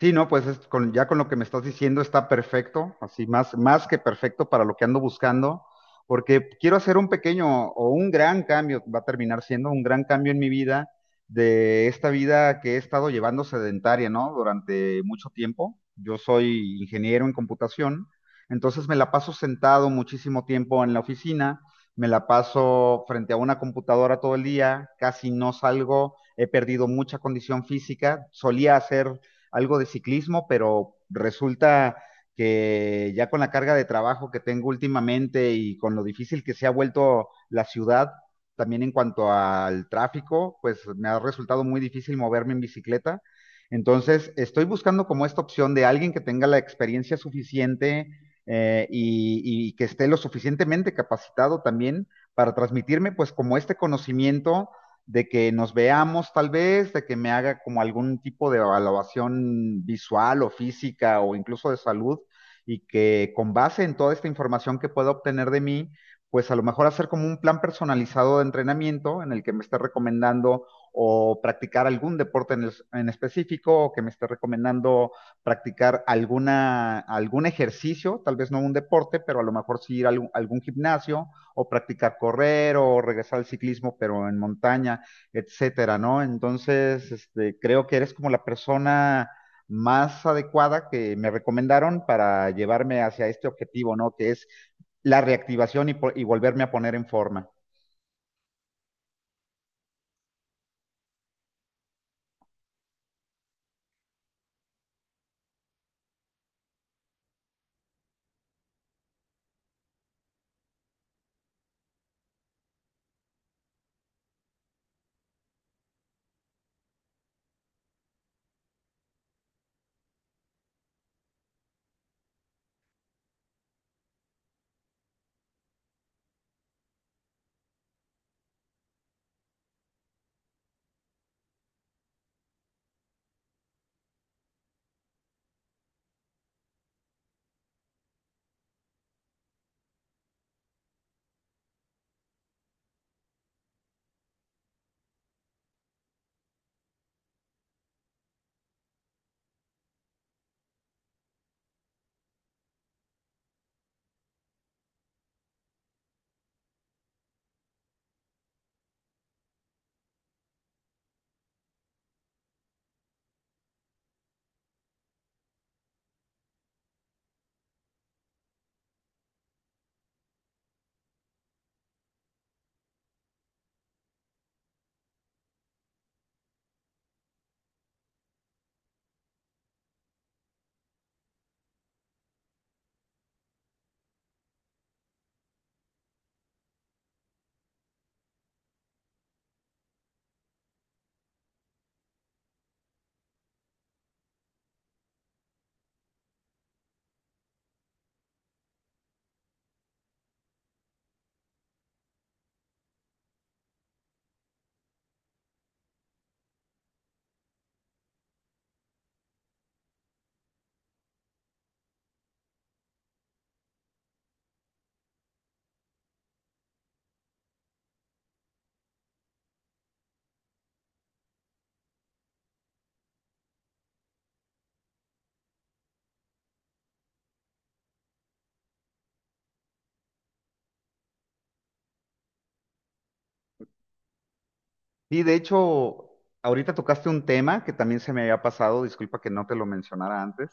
Sí, no, pues ya con lo que me estás diciendo está perfecto, así más que perfecto para lo que ando buscando, porque quiero hacer un pequeño o un gran cambio, va a terminar siendo un gran cambio en mi vida, de esta vida que he estado llevando sedentaria, ¿no? Durante mucho tiempo. Yo soy ingeniero en computación, entonces me la paso sentado muchísimo tiempo en la oficina, me la paso frente a una computadora todo el día, casi no salgo, he perdido mucha condición física, solía hacer algo de ciclismo, pero resulta que ya con la carga de trabajo que tengo últimamente y con lo difícil que se ha vuelto la ciudad, también en cuanto al tráfico, pues me ha resultado muy difícil moverme en bicicleta. Entonces, estoy buscando como esta opción de alguien que tenga la experiencia suficiente eh, y, y que esté lo suficientemente capacitado también para transmitirme pues como este conocimiento de que nos veamos tal vez, de que me haga como algún tipo de evaluación visual o física o incluso de salud y que con base en toda esta información que pueda obtener de mí, pues a lo mejor hacer como un plan personalizado de entrenamiento en el que me esté recomendando o practicar algún deporte en específico o que me esté recomendando practicar algún ejercicio, tal vez no un deporte, pero a lo mejor sí ir a algún gimnasio o practicar correr o regresar al ciclismo, pero en montaña, etcétera, ¿no? Entonces, este, creo que eres como la persona más adecuada que me recomendaron para llevarme hacia este objetivo, ¿no? Que es la reactivación y volverme a poner en forma. Y de hecho, ahorita tocaste un tema que también se me había pasado, disculpa que no te lo mencionara antes.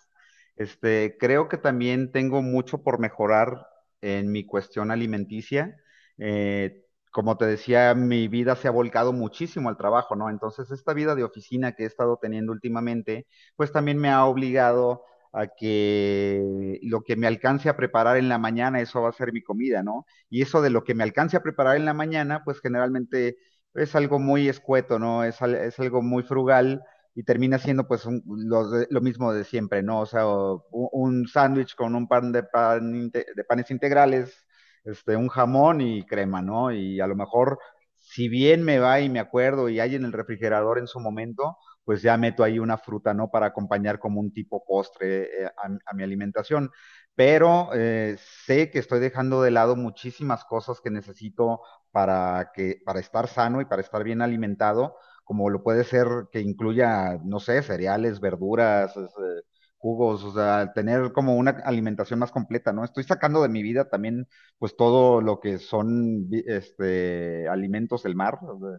Este, creo que también tengo mucho por mejorar en mi cuestión alimenticia. Eh, Como te decía, mi vida se ha volcado muchísimo al trabajo, ¿no? Entonces, esta vida de oficina que he estado teniendo últimamente, pues también me ha obligado a que lo que me alcance a preparar en la mañana, eso va a ser mi comida, ¿no? Y eso de lo que me alcance a preparar en la mañana, pues generalmente es algo muy escueto, ¿no? Es algo muy frugal y termina siendo pues lo mismo de siempre, ¿no? O sea, un sándwich con un de panes integrales, este, un jamón y crema, ¿no? Y a lo mejor, si bien me va y me acuerdo y hay en el refrigerador en su momento, pues ya meto ahí una fruta, ¿no? Para acompañar como un tipo postre a mi alimentación. Pero sé que estoy dejando de lado muchísimas cosas que necesito para estar sano y para estar bien alimentado, como lo puede ser que incluya, no sé, cereales, verduras, jugos, o sea, tener como una alimentación más completa, ¿no? Estoy sacando de mi vida también, pues todo lo que son alimentos del mar, o sea,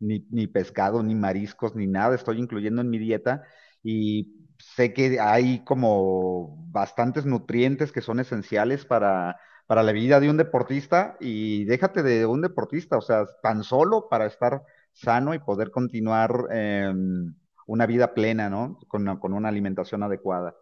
ni pescado, ni mariscos, ni nada, estoy incluyendo en mi dieta y sé que hay como bastantes nutrientes que son esenciales para la vida de un deportista y déjate de un deportista, o sea, tan solo para estar sano y poder continuar una vida plena, ¿no? Con una alimentación adecuada.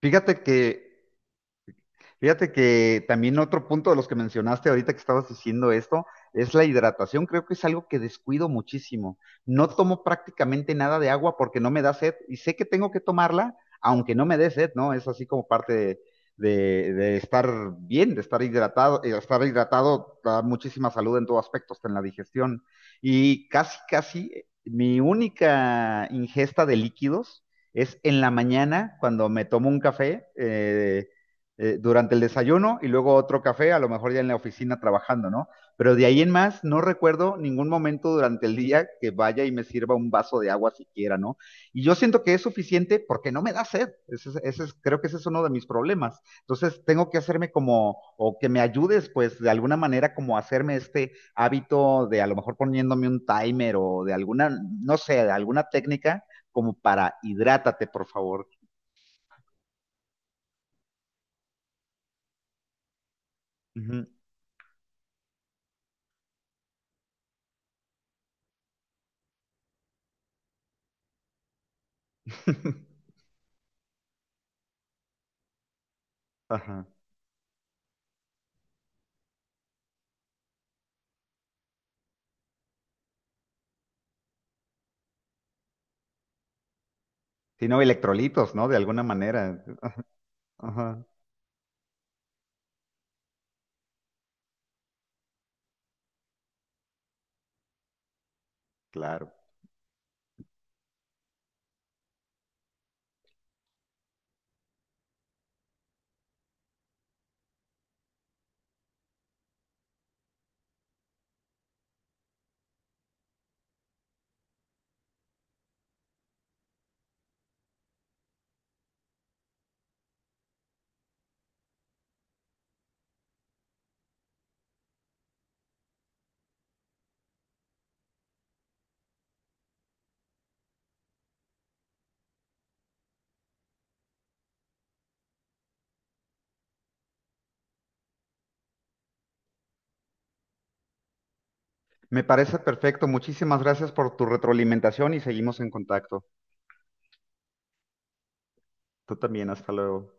Fíjate que Fíjate que también otro punto de los que mencionaste ahorita que estabas diciendo esto es la hidratación. Creo que es algo que descuido muchísimo. No tomo prácticamente nada de agua porque no me da sed y sé que tengo que tomarla aunque no me dé sed, ¿no? Es así como parte de estar bien, de estar hidratado. Estar hidratado da muchísima salud en todo aspecto, hasta en la digestión. Y casi mi única ingesta de líquidos es en la mañana cuando me tomo un café. Durante el desayuno y luego otro café, a lo mejor ya en la oficina trabajando, ¿no? Pero de ahí en más no recuerdo ningún momento durante el día que vaya y me sirva un vaso de agua siquiera, ¿no? Y yo siento que es suficiente porque no me da sed. Creo que ese es uno de mis problemas. Entonces tengo que hacerme como, o que me ayudes, pues de alguna manera como hacerme este hábito de a lo mejor poniéndome un timer o de alguna, no sé, de alguna técnica como para hidrátate, por favor. Ujú. Ajá. Sí, no, electrolitos, ¿no? De alguna manera. Ajá, claro. Me parece perfecto. Muchísimas gracias por tu retroalimentación y seguimos en contacto. Tú también, hasta luego.